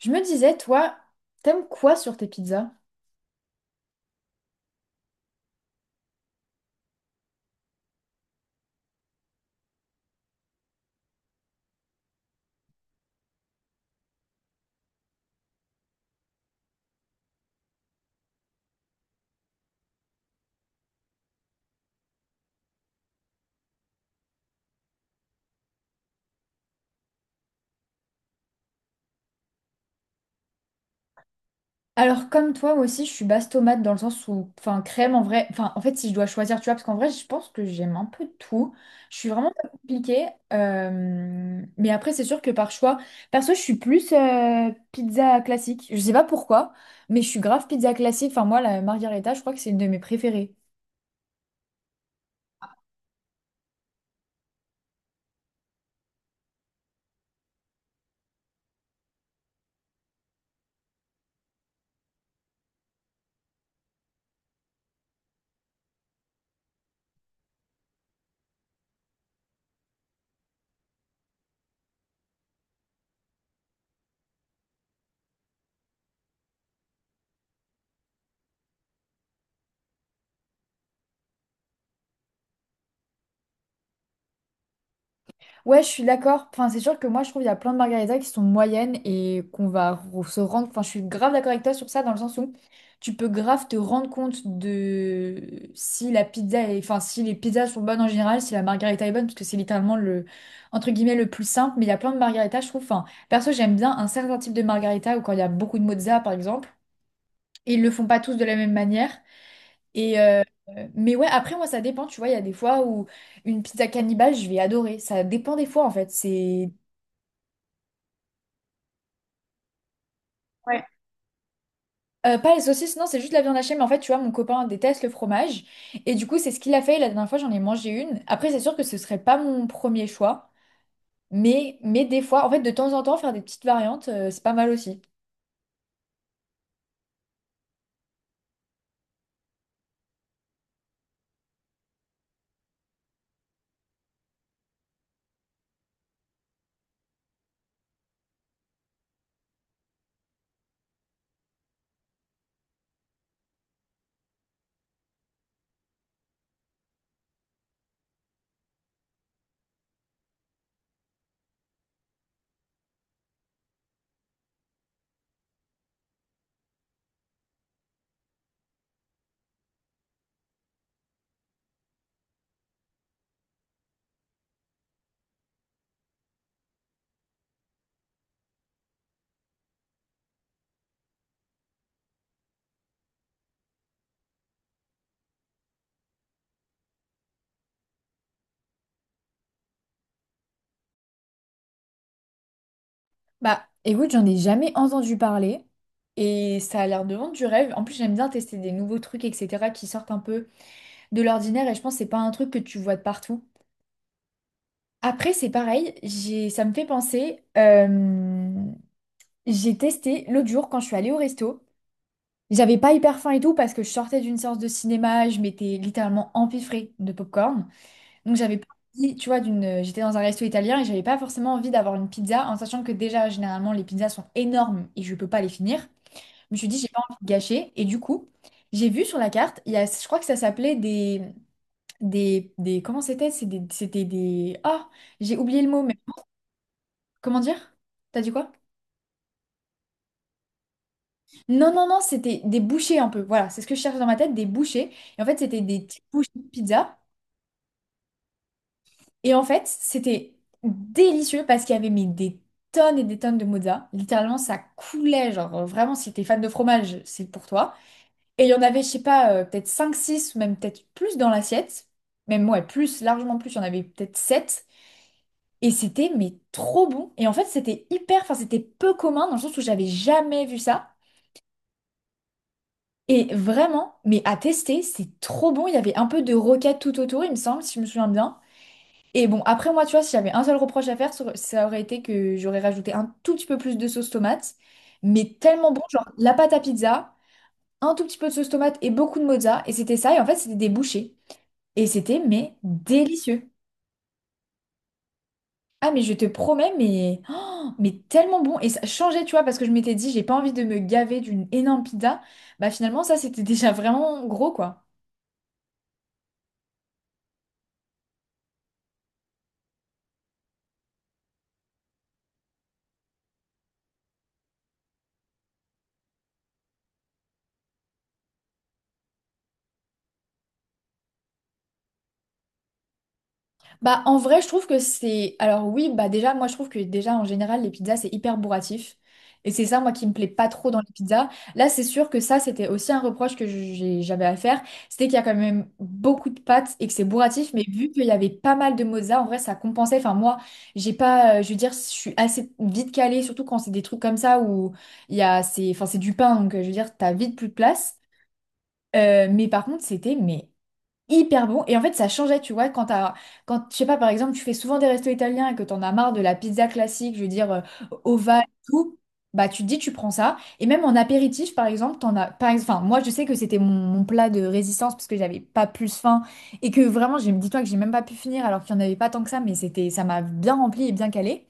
Je me disais, toi, t'aimes quoi sur tes pizzas? Alors, comme toi, moi aussi, je suis basse tomate dans le sens où, enfin, crème en vrai, enfin, en fait, si je dois choisir, tu vois, parce qu'en vrai, je pense que j'aime un peu tout. Je suis vraiment pas compliquée. Mais après, c'est sûr que par choix, perso, je suis plus pizza classique. Je sais pas pourquoi, mais je suis grave pizza classique. Enfin, moi, la margherita, je crois que c'est une de mes préférées. Ouais, je suis d'accord. Enfin, c'est sûr que moi, je trouve qu'il y a plein de margaritas qui sont moyennes et se rendre. Enfin, je suis grave d'accord avec toi sur ça, dans le sens où tu peux grave te rendre compte de si la pizza est enfin, si les pizzas sont bonnes en général, si la margarita est bonne, parce que c'est littéralement le, entre guillemets, le plus simple. Mais il y a plein de margaritas, je trouve. Enfin, perso, j'aime bien un certain type de margarita ou quand il y a beaucoup de mozza, par exemple. Ils le font pas tous de la même manière. Et euh, mais ouais, après moi ça dépend, tu vois, il y a des fois où une pizza cannibale, je vais adorer. Ça dépend des fois en fait. C'est. Ouais. Pas les saucisses, non, c'est juste la viande hachée, mais en fait, tu vois, mon copain déteste le fromage. Et du coup, c'est ce qu'il a fait. La dernière fois, j'en ai mangé une. Après, c'est sûr que ce serait pas mon premier choix. Mais des fois, en fait, de temps en temps, faire des petites variantes, c'est pas mal aussi. Bah, écoute, j'en ai jamais entendu parler. Et ça a l'air de vendre du rêve. En plus, j'aime bien tester des nouveaux trucs, etc., qui sortent un peu de l'ordinaire. Et je pense que c'est pas un truc que tu vois de partout. Après, c'est pareil, ça me fait penser, j'ai testé l'autre jour quand je suis allée au resto. J'avais pas hyper faim et tout parce que je sortais d'une séance de cinéma, je m'étais littéralement empiffrée de popcorn. Donc j'avais pas envie, tu vois, j'étais dans un resto italien et j'avais pas forcément envie d'avoir une pizza en sachant que déjà, généralement, les pizzas sont énormes et je peux pas les finir. Je me suis dit, j'ai pas envie de gâcher. Et du coup, j'ai vu sur la carte, il y a, je crois que ça s'appelait comment c'était? C'était des, oh, j'ai oublié le mot. Comment dire? T'as dit quoi? Non, non, non, c'était des bouchées un peu. Voilà, c'est ce que je cherche dans ma tête, des bouchées. Et en fait, c'était des petites bouchées de pizza. Et en fait, c'était délicieux parce qu'il y avait mis des tonnes et des tonnes de mozza. Littéralement, ça coulait. Genre, vraiment, si t'es fan de fromage, c'est pour toi. Et il y en avait, je sais pas, peut-être 5, 6, ou même peut-être plus dans l'assiette. Même, ouais, plus, largement plus. Il y en avait peut-être 7. Et c'était, mais trop bon. Et en fait, c'était hyper, enfin, c'était peu commun dans le sens où j'avais jamais vu ça. Et vraiment, mais à tester, c'est trop bon. Il y avait un peu de roquette tout autour, il me semble, si je me souviens bien. Et bon, après moi, tu vois, si j'avais un seul reproche à faire, ça aurait été que j'aurais rajouté un tout petit peu plus de sauce tomate. Mais tellement bon, genre la pâte à pizza, un tout petit peu de sauce tomate et beaucoup de mozza. Et c'était ça, et en fait, c'était des bouchées. Et c'était, mais délicieux. Ah, mais je te promets, mais, oh, mais tellement bon. Et ça changeait, tu vois, parce que je m'étais dit, j'ai pas envie de me gaver d'une énorme pizza. Bah finalement, ça, c'était déjà vraiment gros, quoi. Bah, en vrai, je trouve que c'est. Alors, oui, bah, déjà, moi, je trouve que déjà, en général, les pizzas, c'est hyper bourratif. Et c'est ça, moi, qui me plaît pas trop dans les pizzas. Là, c'est sûr que ça, c'était aussi un reproche que j'avais à faire. C'était qu'il y a quand même beaucoup de pâtes et que c'est bourratif. Mais vu qu'il y avait pas mal de mozza, en vrai, ça compensait. Enfin, moi, j'ai pas. Je veux dire, je suis assez vite calée, surtout quand c'est des trucs comme ça où il y a. C'est enfin, c'est du pain, donc je veux dire, t'as vite plus de place. Mais par contre, c'était mais hyper bon. Et en fait, ça changeait, tu vois, quand, je sais pas, par exemple, tu fais souvent des restos italiens et que t'en as marre de la pizza classique, je veux dire, ovale et tout, bah tu te dis, tu prends ça. Et même en apéritif, par exemple, t'en as, par ex- enfin, moi, je sais que c'était mon plat de résistance parce que j'avais pas plus faim et que vraiment, j'ai, dis-toi que j'ai même pas pu finir alors qu'il y en avait pas tant que ça, mais c'était, ça m'a bien rempli et bien calé.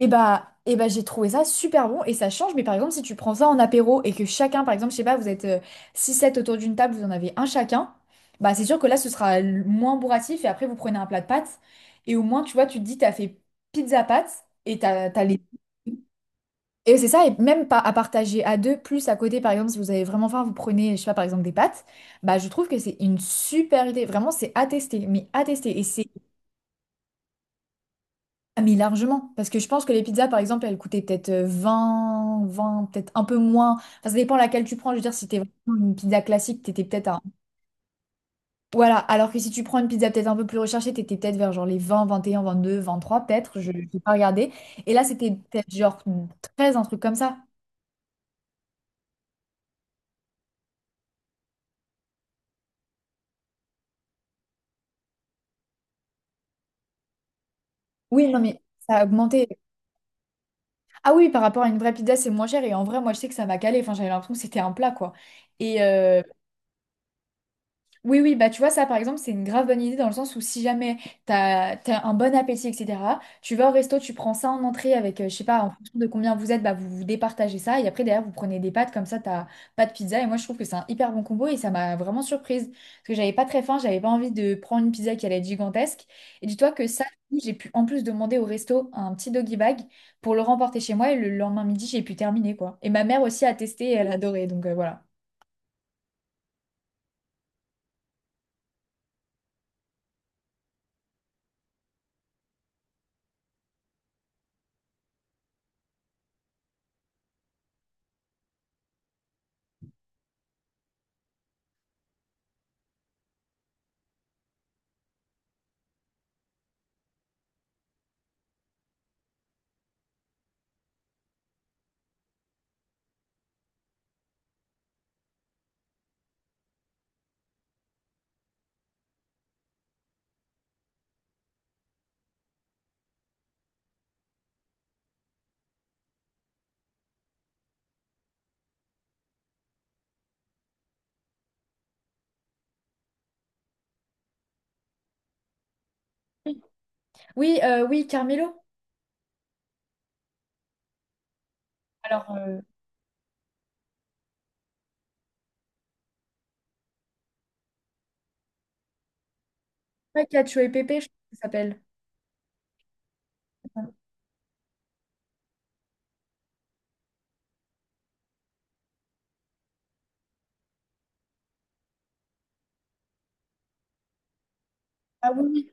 Et bah j'ai trouvé ça super bon et ça change. Mais par exemple, si tu prends ça en apéro et que chacun, par exemple, je sais pas, vous êtes six sept autour d'une table, vous en avez un chacun, bah c'est sûr que là, moins bourratif et après, vous prenez un plat de pâtes. Et au moins, tu vois, tu te dis, t'as fait pizza pâtes et t'as les. Et c'est ça, et même pas à partager à deux, plus à côté, par exemple, si vous avez vraiment faim, vous prenez, je sais pas, par exemple, des pâtes. Bah, je trouve que c'est une super idée. Vraiment, c'est à tester, mais à tester. Et c'est. Ah, mais largement, parce que je pense que les pizzas, par exemple, elles coûtaient peut-être vingt, peut-être un peu moins. Enfin, ça dépend laquelle tu prends. Je veux dire, si t'es vraiment une pizza classique, t'étais peut-être à Voilà, alors que si tu prends une pizza peut-être un peu plus recherchée, t'étais peut-être vers genre les vingt, vingt et un, vingt deux, vingt trois, peut-être. Je n'ai pas regardé. Et là, c'était peut-être genre 13 un truc comme ça. Oui, non, mais ça a augmenté. Ah oui, par rapport à une vraie pizza, c'est moins cher. Et en vrai, moi, je sais que ça m'a calé. Enfin, j'avais l'impression que c'était un plat, quoi. Et, oui, oui, bah tu vois, ça par exemple, c'est une grave bonne idée dans le sens où si jamais t'as un bon appétit, etc., tu vas au resto, tu prends ça en entrée avec, je sais pas, en fonction de combien vous êtes, bah vous vous départagez ça et après derrière vous prenez des pâtes, comme ça t'as pas de pizza et moi je trouve que c'est un hyper bon combo et ça m'a vraiment surprise parce que j'avais pas très faim, j'avais pas envie de prendre une pizza qui allait être gigantesque et dis-toi que ça, j'ai pu en plus demander au resto un petit doggy bag pour le remporter chez moi et le lendemain midi j'ai pu terminer quoi. Et ma mère aussi a testé et elle a adoré donc voilà. Oui, oui, Carmelo. Alors, ouais, Cacio et Pépé, je crois que ça s'appelle. Ah oui,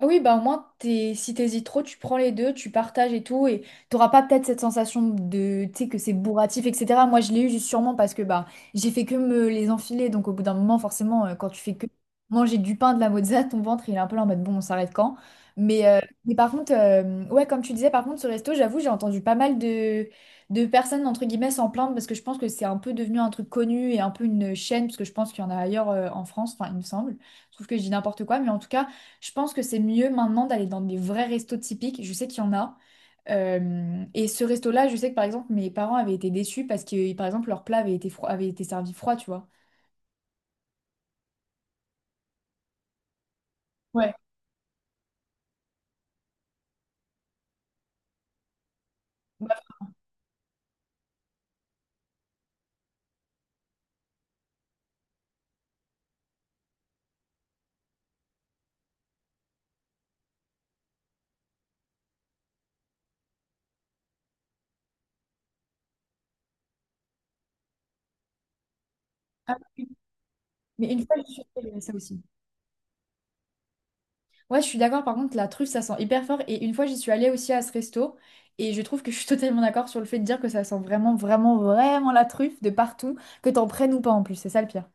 ah oui, bah au moins, t'es, si t'hésites trop, tu prends les deux, tu partages et tout, et t'auras pas peut-être cette sensation de, tu sais, que c'est bourratif, etc. Moi, je l'ai eu juste sûrement parce que bah j'ai fait que me les enfiler, donc au bout d'un moment, forcément, quand tu fais que manger du pain, de la mozza, ton ventre, il est un peu là en mode, bon, on s'arrête quand? Mais, euh, mais par contre, ouais, comme tu disais, par contre, ce resto, j'avoue, j'ai entendu pas mal de personnes, entre guillemets, s'en plaindre parce que je pense que c'est un peu devenu un truc connu et un peu une chaîne, parce que je pense qu'il y en a ailleurs en France, enfin, il me semble. Je trouve que je dis n'importe quoi, mais en tout cas Je pense que c'est mieux maintenant d'aller dans des vrais restos typiques. Je sais qu'il y en a. Et ce resto-là, je sais que par exemple, mes parents avaient été déçus parce que, par exemple, leur plat avait été froid, avait été servi froid, tu vois. Ouais. Bah, ah oui. Mais une fois, j'y suis allée, à ça aussi. Ouais, je suis d'accord. Par contre, la truffe, ça sent hyper fort. Et une fois, j'y suis allée aussi à ce resto. Et je trouve que je suis totalement d'accord sur le fait de dire que ça sent vraiment, vraiment, vraiment la truffe de partout, que t'en prennes ou pas en plus. C'est ça le pire.